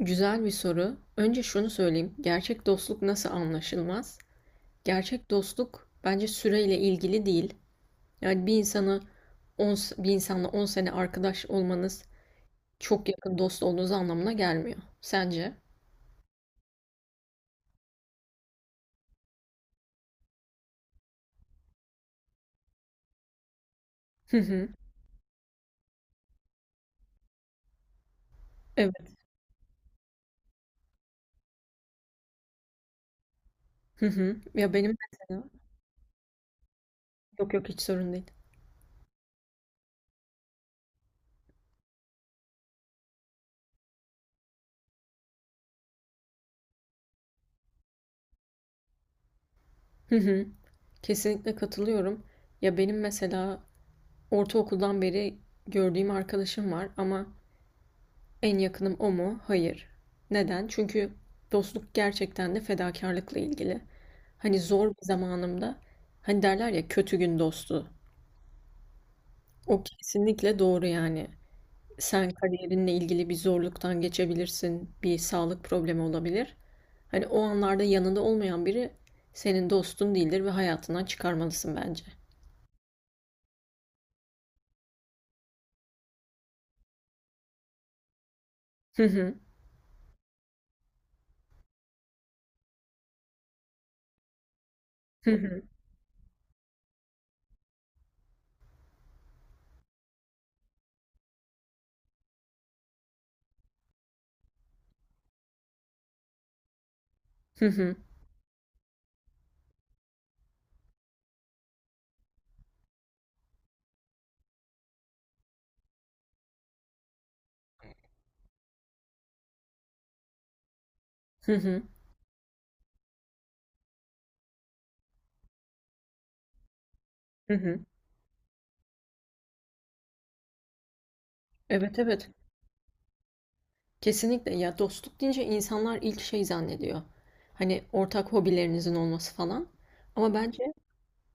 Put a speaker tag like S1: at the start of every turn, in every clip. S1: Güzel bir soru. Önce şunu söyleyeyim. Gerçek dostluk nasıl anlaşılmaz? Gerçek dostluk bence süreyle ilgili değil. Yani 10 bir insanla 10 sene arkadaş olmanız çok yakın dost olduğunuz anlamına gelmiyor. Sence? Hı hı. Evet. Hı hı. Ya benim mesela Yok yok, hiç sorun değil. Hı hı. Kesinlikle katılıyorum. Ya benim mesela ortaokuldan beri gördüğüm arkadaşım var, ama en yakınım o mu? Hayır. Neden? Çünkü dostluk gerçekten de fedakarlıkla ilgili. Hani zor bir zamanımda, hani derler ya, kötü gün dostu. O kesinlikle doğru yani. Sen kariyerinle ilgili bir zorluktan geçebilirsin. Bir sağlık problemi olabilir. Hani o anlarda yanında olmayan biri senin dostun değildir ve hayatından çıkarmalısın bence. Hı hı. Hı hı. Hı hı. Hı hı. Hı hı. Evet, evet. Kesinlikle, ya dostluk deyince insanlar ilk şey zannediyor. Hani ortak hobilerinizin olması falan. Ama bence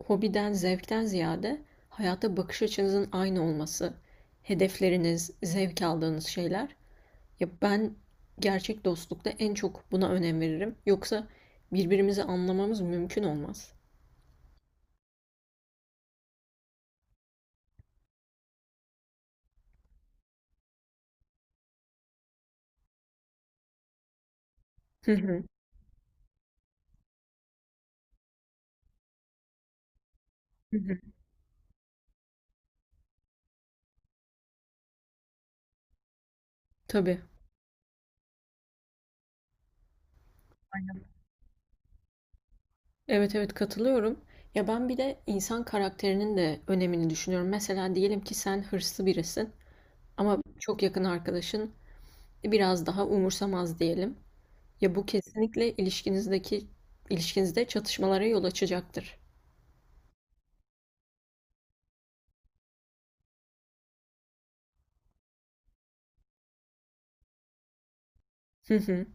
S1: hobiden, zevkten ziyade hayata bakış açınızın aynı olması, hedefleriniz, zevk aldığınız şeyler. Ya ben gerçek dostlukta en çok buna önem veririm. Yoksa birbirimizi anlamamız mümkün olmaz. Hı hı. Hı hı. Tabii. Evet, evet, katılıyorum. Ya ben bir de insan karakterinin de önemini düşünüyorum. Mesela diyelim ki sen hırslı birisin. Ama çok yakın arkadaşın "E, biraz daha umursamaz" diyelim. Ya bu kesinlikle ilişkinizde çatışmalara yol açacaktır. Hı hı.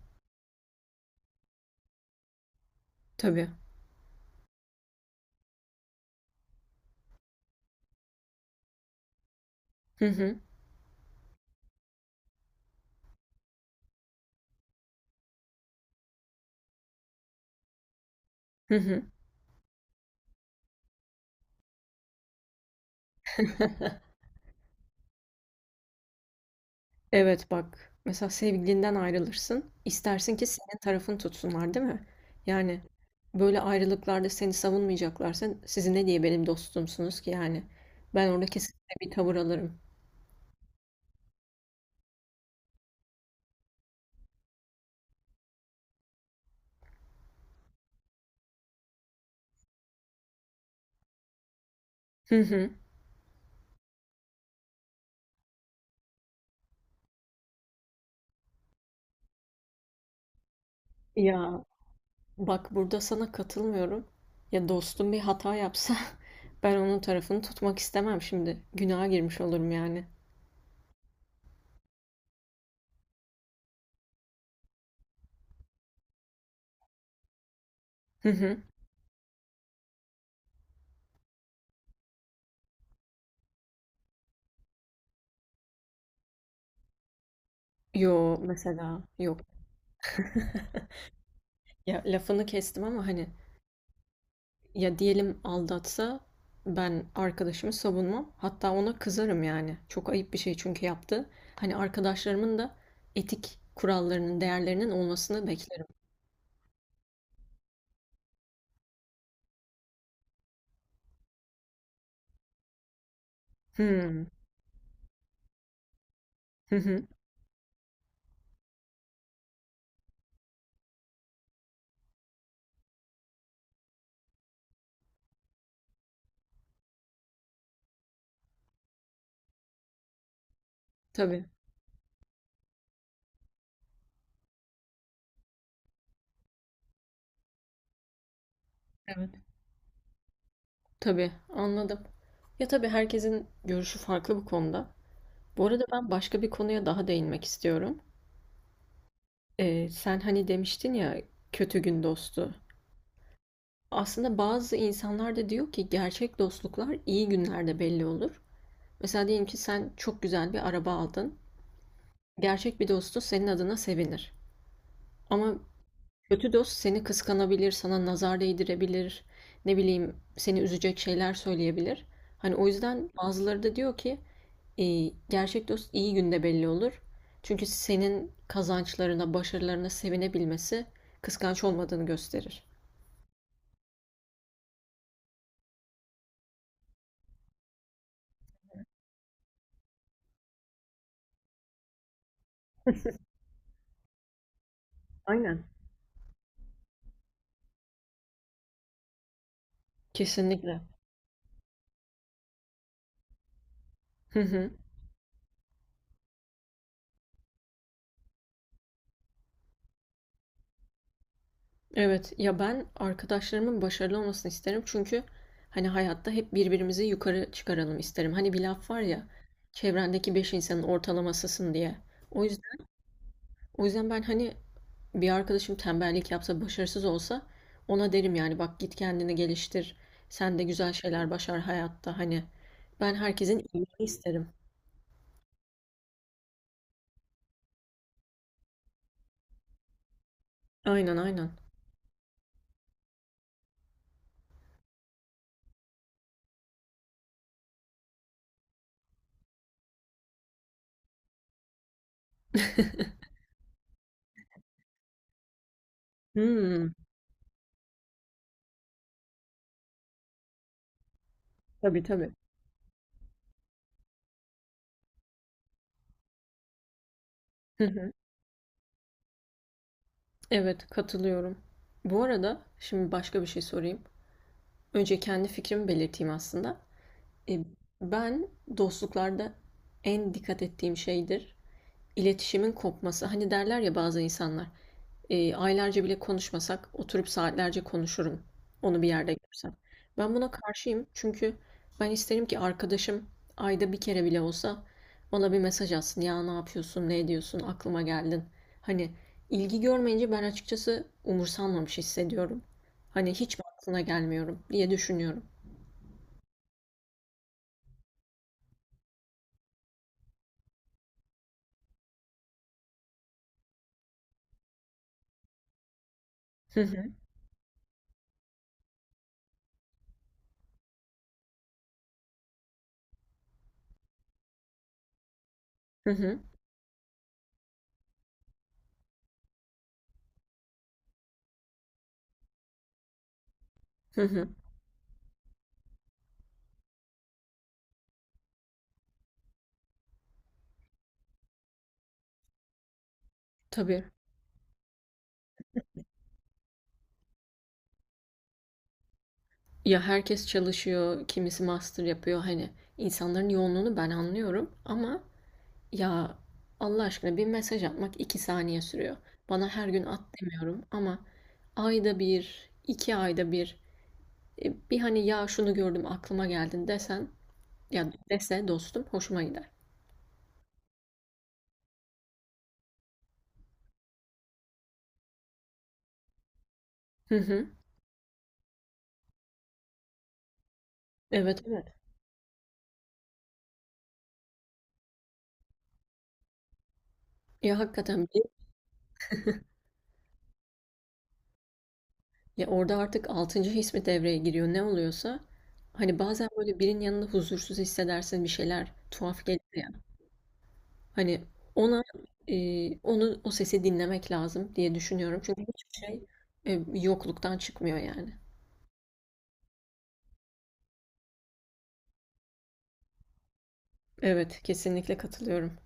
S1: Tabii. Hı hı. Hı hı. Evet, bak. Mesela sevgilinden ayrılırsın. İstersin ki senin tarafını tutsunlar, değil mi? Yani böyle ayrılıklarda seni savunmayacaklarsa siz ne diye benim dostumsunuz ki yani? Ben orada kesinlikle bir tavır alırım. Hı hı. Ya, bak burada sana katılmıyorum. Ya dostum bir hata yapsa, ben onun tarafını tutmak istemem şimdi. Günaha girmiş olurum yani. Hı hı. Yo, mesela yok. Ya, lafını kestim ama hani, ya diyelim aldatsa, ben arkadaşımı savunmam. Hatta ona kızarım yani. Çok ayıp bir şey çünkü yaptı. Hani arkadaşlarımın da etik kurallarının, değerlerinin olmasını beklerim. Hmm. Hı hı. Tabii. Evet. Tabii, anladım. Ya tabii herkesin görüşü farklı bu konuda. Bu arada ben başka bir konuya daha değinmek istiyorum. Sen hani demiştin ya, kötü gün dostu. Aslında bazı insanlar da diyor ki gerçek dostluklar iyi günlerde belli olur. Mesela diyelim ki sen çok güzel bir araba aldın. Gerçek bir dostu senin adına sevinir. Ama kötü dost seni kıskanabilir, sana nazar değdirebilir, ne bileyim seni üzecek şeyler söyleyebilir. Hani o yüzden bazıları da diyor ki gerçek dost iyi günde belli olur. Çünkü senin kazançlarına, başarılarına sevinebilmesi kıskanç olmadığını gösterir. Aynen. Kesinlikle. Hı hı. Evet, ya ben arkadaşlarımın başarılı olmasını isterim, çünkü hani hayatta hep birbirimizi yukarı çıkaralım isterim. Hani bir laf var ya, çevrendeki beş insanın ortalamasısın diye. O yüzden o yüzden ben hani, bir arkadaşım tembellik yapsa, başarısız olsa, ona derim yani, bak git kendini geliştir. Sen de güzel şeyler başar hayatta hani. Ben herkesin iyiliğini isterim. Aynen, aynen. Hmm, tabii, tabii. Hı hı. Evet, katılıyorum. Bu arada şimdi başka bir şey sorayım. Önce kendi fikrimi belirteyim aslında. E, Ben dostluklarda en dikkat ettiğim şeydir iletişimin kopması. Hani derler ya bazı insanlar. Aylarca bile konuşmasak oturup saatlerce konuşurum onu bir yerde görsem. Ben buna karşıyım, çünkü ben isterim ki arkadaşım ayda bir kere bile olsa bana bir mesaj atsın. Ya ne yapıyorsun, ne ediyorsun, aklıma geldin. Hani ilgi görmeyince ben açıkçası umursanmamış hissediyorum. Hani hiç mi aklına gelmiyorum diye düşünüyorum. Hı hı, hı hı, hı hı. Tabii. Ya herkes çalışıyor, kimisi master yapıyor. Hani insanların yoğunluğunu ben anlıyorum ama, ya, Allah aşkına bir mesaj atmak 2 saniye sürüyor. Bana her gün at demiyorum ama ayda bir, iki ayda bir, bir hani, ya şunu gördüm aklıma geldin desen, ya dese dostum, hoşuma gider. Hı hı. Evet, evet. Ya hakikaten ya orada artık altıncı his mi devreye giriyor ne oluyorsa, hani bazen böyle birinin yanında huzursuz hissedersin, bir şeyler tuhaf gelir ya. Hani ona onu o sesi dinlemek lazım diye düşünüyorum. Çünkü hiçbir şey yokluktan çıkmıyor yani. Evet, kesinlikle katılıyorum.